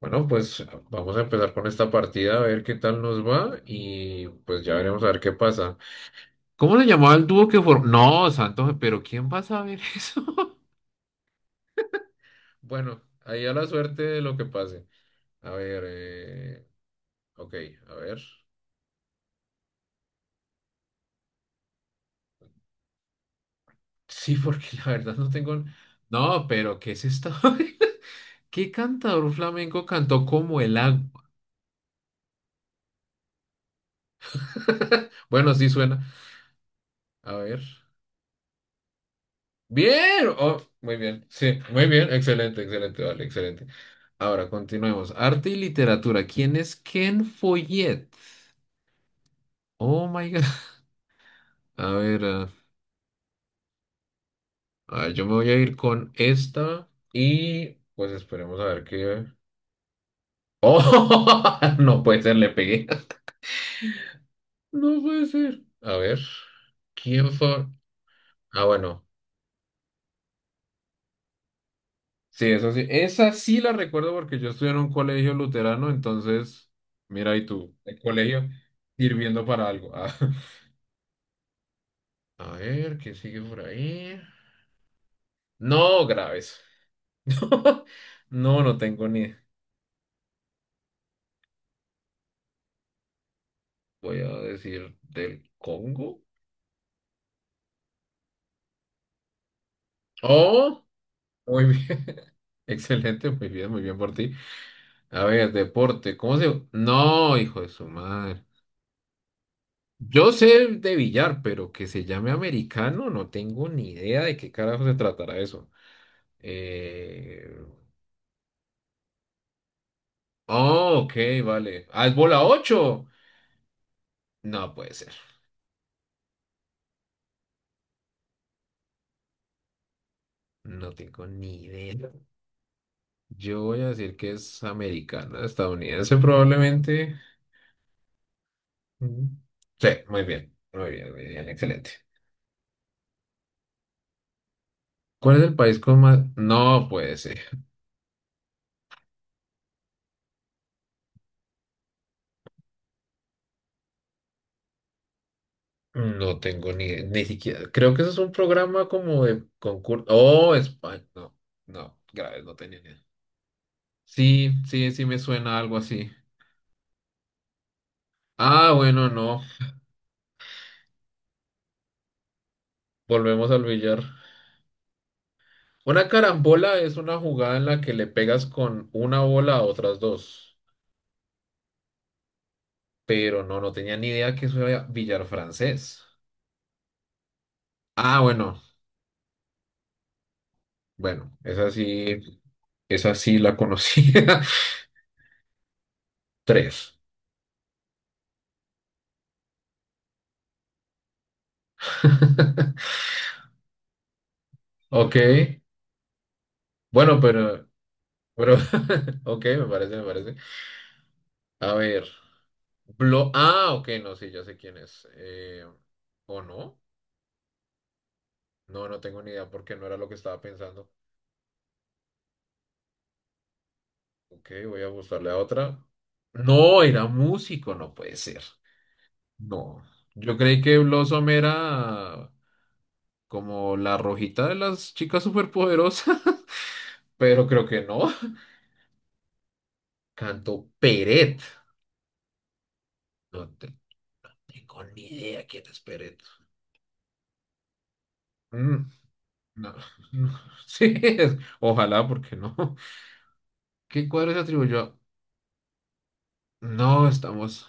Bueno, pues vamos a empezar con esta partida a ver qué tal nos va y pues ya veremos a ver qué pasa. ¿Cómo se llamaba el dúo que formó? No, Santo, pero ¿quién va a saber eso? Bueno, ahí a la suerte de lo que pase. A ver, ok, a ver. Sí, porque la verdad no tengo... No, pero ¿qué es esto? ¿Qué cantador flamenco cantó como el agua? Bueno, sí suena. A ver. Bien, oh, muy bien, sí, muy bien, excelente, excelente, vale, excelente. Ahora continuemos. Arte y literatura. ¿Quién es Ken Follett? Oh my God. A ver, yo me voy a ir con esta y pues esperemos a ver qué. Oh, no puede ser, le pegué. No puede ser. A ver, ¿quién fue? Ah, bueno. Sí, eso sí. Esa sí la recuerdo porque yo estudié en un colegio luterano, entonces, mira, y tú, el colegio sirviendo para algo. Ah, A ver, ¿qué sigue por ahí? No, graves. No, no tengo ni. Voy a decir del Congo. Oh, muy bien. Excelente, muy bien por ti. A ver, deporte. ¿Cómo se...? No, hijo de su madre. Yo sé de billar, pero que se llame americano, no tengo ni idea de qué carajo se tratará eso. Eh... Oh, ok, vale. Ah, es bola 8. No puede ser. No tengo ni idea. Yo voy a decir que es americana, estadounidense probablemente. Mm. Sí, muy bien. Muy bien, muy bien. Excelente. ¿Cuál es el país con más...? No puede ser. No tengo ni siquiera. Creo que eso es un programa como de concurso. Oh, España. No, no, graves, no tenía ni idea. Sí, sí, sí me suena algo así. Ah, bueno, no. Volvemos al billar. Una carambola es una jugada en la que le pegas con una bola a otras dos. Pero no, no tenía ni idea que eso era billar francés. Ah, bueno, bueno, esa sí la conocía. Tres. Ok. Bueno, pero, ok, me parece, me parece. A ver. Blo Ah, ok, no, sí, ya sé quién es. ¿O no? No, no tengo ni idea porque no era lo que estaba pensando. Ok, voy a buscarle a otra. No, era músico, no puede ser. No. Yo creí que Blossom era como la rojita de las chicas superpoderosas, pero creo que no. Cantó Peret. No tengo ni idea quién es Peret. Mm, no, no. Sí, ojalá, porque no. ¿Qué cuadro se atribuyó No, estamos,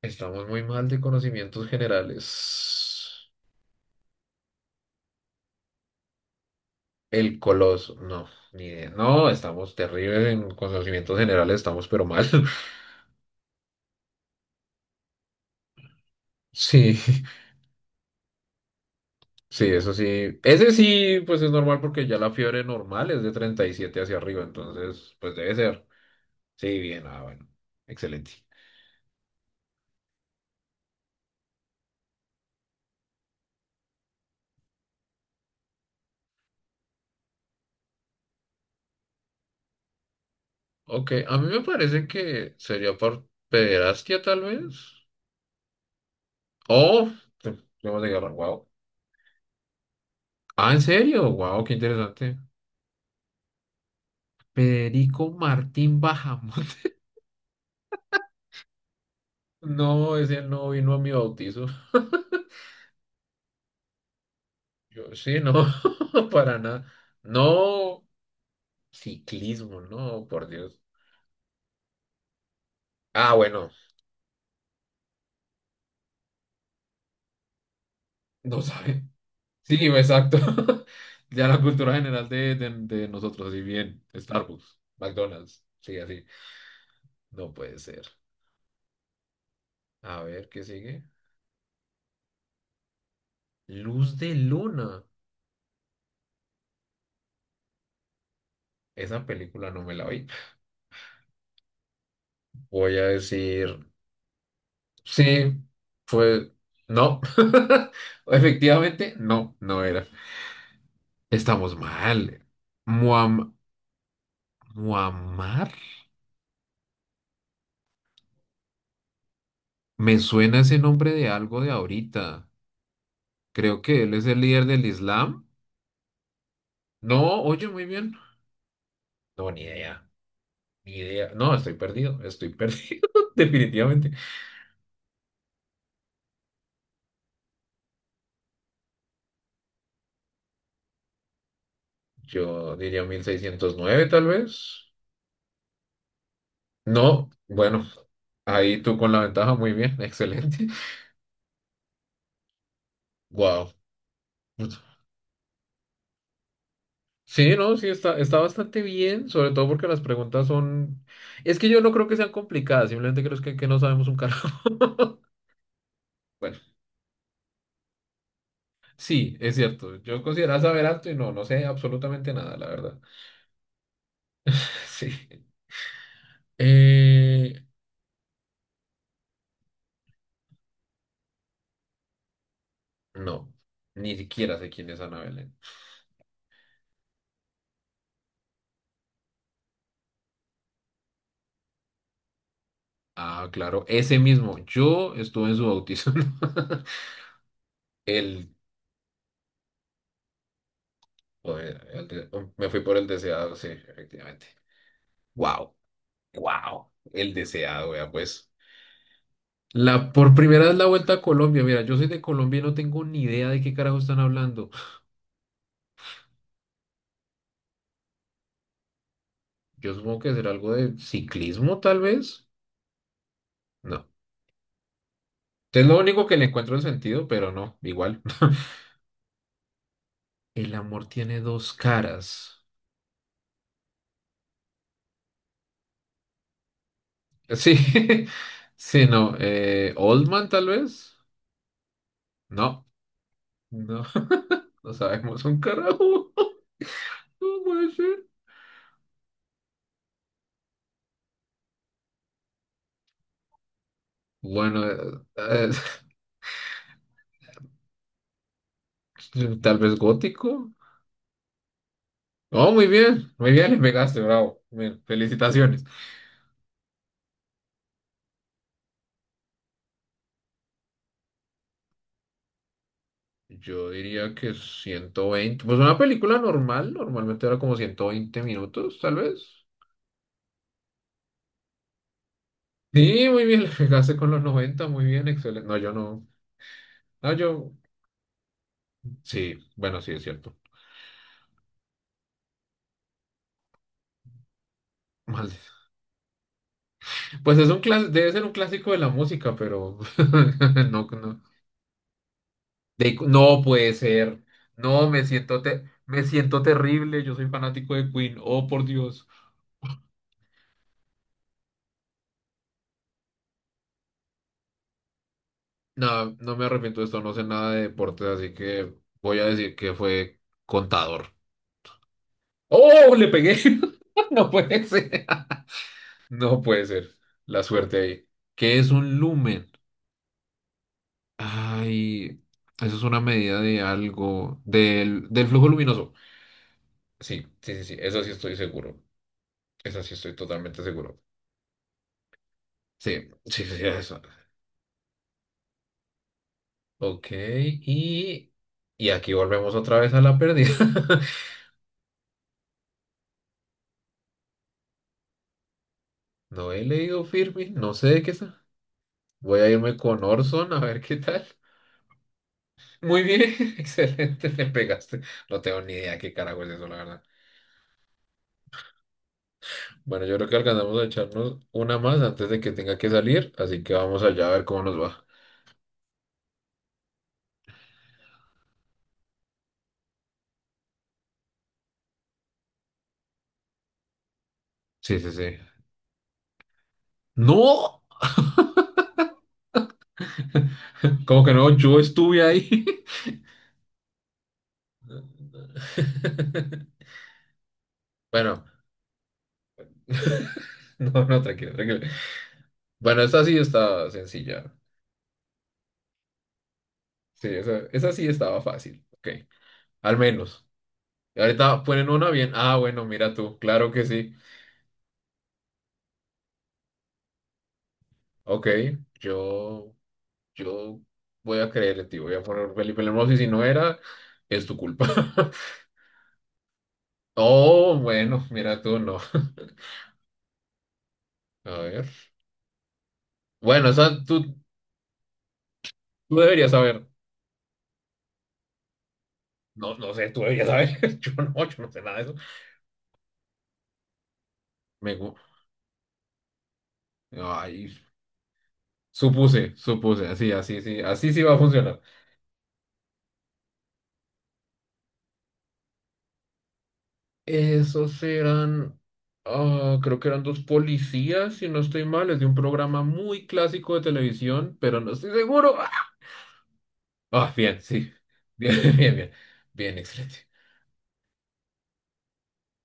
estamos muy mal de conocimientos generales. El Coloso, no, ni idea. No, estamos terribles en conocimientos generales, estamos pero mal. Sí, sí, eso sí. Ese sí, pues es normal porque ya la fiebre normal es de 37 hacia arriba, entonces, pues debe ser. Sí, bien, ah, bueno, excelente. Ok, a mí me parece que sería por pederastia tal vez. Oh, temas de guerra, wow. Ah, ¿en serio? Wow, qué interesante. Federico Martín Bajamón. No, ese no vino a mi bautizo. Yo, sí, no, para nada. No, ciclismo, no, por Dios. Ah, bueno, no sabe. Sí, exacto. Ya la cultura general de nosotros, y bien, Starbucks, McDonald's, sí, así. No puede ser. A ver, ¿qué sigue? Luz de Luna. Esa película no me la vi. Voy a decir, sí, fue, no. Efectivamente, no, no era. Estamos mal. Muammar. Me suena ese nombre de algo de ahorita. Creo que él es el líder del Islam. No, oye, muy bien. No, ni idea. Ni idea. No, estoy perdido. Estoy perdido, definitivamente. Yo diría 1609, tal vez. No, bueno, ahí tú con la ventaja, muy bien, excelente. Wow. Sí, no, sí, está bastante bien, sobre todo porque las preguntas son... Es que yo no creo que sean complicadas, simplemente creo que no sabemos un carajo. Bueno. Sí, es cierto. Yo consideraba saber alto y no, no sé absolutamente nada, la verdad. Sí. Eh, no, ni siquiera sé quién es Ana Belén. Ah, claro, ese mismo. Yo estuve en su bautizo. El, joder, el oh, me fui por el deseado, sí, efectivamente. Wow, wow, el deseado, vea, pues. La, por primera vez la vuelta a Colombia. Mira, yo soy de Colombia y no tengo ni idea de qué carajo están hablando. Yo supongo que será algo de ciclismo, tal vez. No. Es lo único que le encuentro en sentido, pero no, igual. El amor tiene dos caras. Sí, sí, no. Oldman, tal vez. No, no, no sabemos un carajo. No puede ser. Bueno, tal vez gótico. Oh, muy bien, le pegaste, bravo. Bien, felicitaciones. Yo diría que 120. Pues una película normal, normalmente era como 120 minutos, tal vez. Sí, muy bien, la con los 90, muy bien, excelente. No, yo no. No, yo. Sí, bueno, sí, es cierto. Mal. Pues es un debe ser un clásico de la música, pero no, no. No puede ser. No, me siento me siento terrible. Yo soy fanático de Queen. Oh, por Dios. No, no me arrepiento de esto, no sé nada de deportes, así que voy a decir que fue contador. ¡Oh! Le pegué. No puede ser. No puede ser. La suerte ahí. ¿Qué es un lumen? Ay, eso es una medida de algo, del flujo luminoso. Sí, sí, sí, sí, eso sí estoy seguro. Eso sí estoy totalmente seguro. Sí, sí, sí, sí, eso. Ok, y aquí volvemos otra vez a la pérdida. No he leído Firmin, no sé de qué es. Voy a irme con Orson a ver qué tal. Muy bien, excelente, me pegaste. No tengo ni idea qué carajo es eso, la verdad. Bueno, yo creo que alcanzamos a echarnos una más antes de que tenga que salir, así que vamos allá a ver cómo nos va. Sí, sí, sí. ¡No! ¿Cómo que no? Yo estuve ahí. Bueno. No, no, tranquilo, tranquilo. Bueno, esa sí estaba sencilla. Sí, esa sí estaba fácil. Ok, al menos. Y ahorita ponen una bien. Ah, bueno, mira tú, claro que sí. Ok, yo, yo voy a creer en ti. Voy a poner Felipe Hermoso y si no era, es tu culpa. Oh, bueno, mira tú, no. A ver. Bueno, esa tú, tú deberías saber. No, no sé, tú deberías saber. Yo no, yo no sé nada de eso. Me, gu- Ay, supuse, así, así sí va a funcionar. Esos eran, ah, creo que eran dos policías, si no estoy mal, es de un programa muy clásico de televisión, pero no estoy seguro. Ah, bien, sí. Bien, bien, bien. Bien, excelente.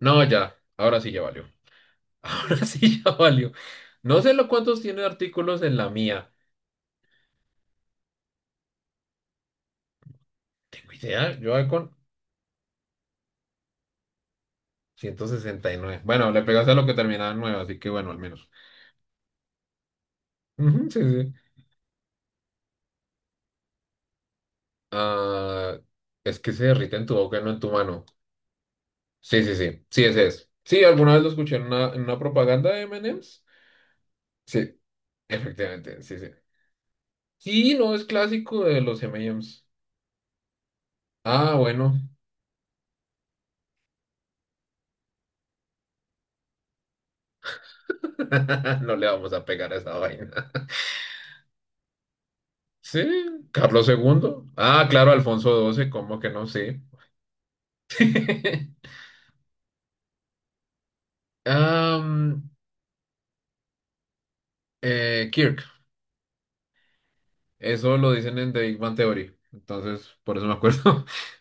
No, ya, ahora sí ya valió. Ahora sí ya valió. No sé lo cuántos tiene artículos en la mía. Tengo idea, yo voy con 169. Bueno, le pegaste a lo que terminaba en 9, así que bueno, al menos. Ujú, sí, sí. Ah, es que se derrite en tu boca, no en tu mano. Sí, sí, sí. Sí, ese es. Sí, alguna vez lo escuché en una propaganda de M&M's. Sí, efectivamente, sí, sí. Sí, no, es clásico de los M&M's. Ah, bueno. No le vamos a pegar a esa vaina. Sí, Carlos II. Ah, claro, Alfonso XII, ¿cómo que no? Sí. Um, eh, Eso lo dicen en The Big Bang Theory. Entonces, por eso me acuerdo.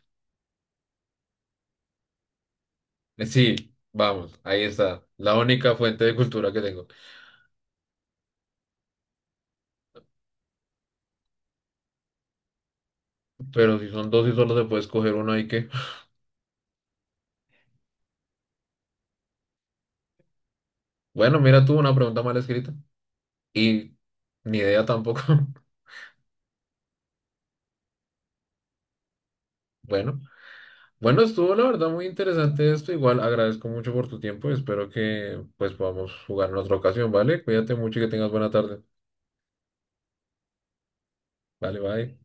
Sí, vamos, ahí está. La única fuente de cultura que tengo. Pero si son dos y solo se puede escoger uno, ¿ahí qué? Bueno, mira tú una pregunta mal escrita. Y ni idea tampoco. Bueno, bueno, estuvo la verdad muy interesante esto. Igual agradezco mucho por tu tiempo. Espero que pues podamos jugar en otra ocasión, ¿vale? Cuídate mucho y que tengas buena tarde. Vale, bye.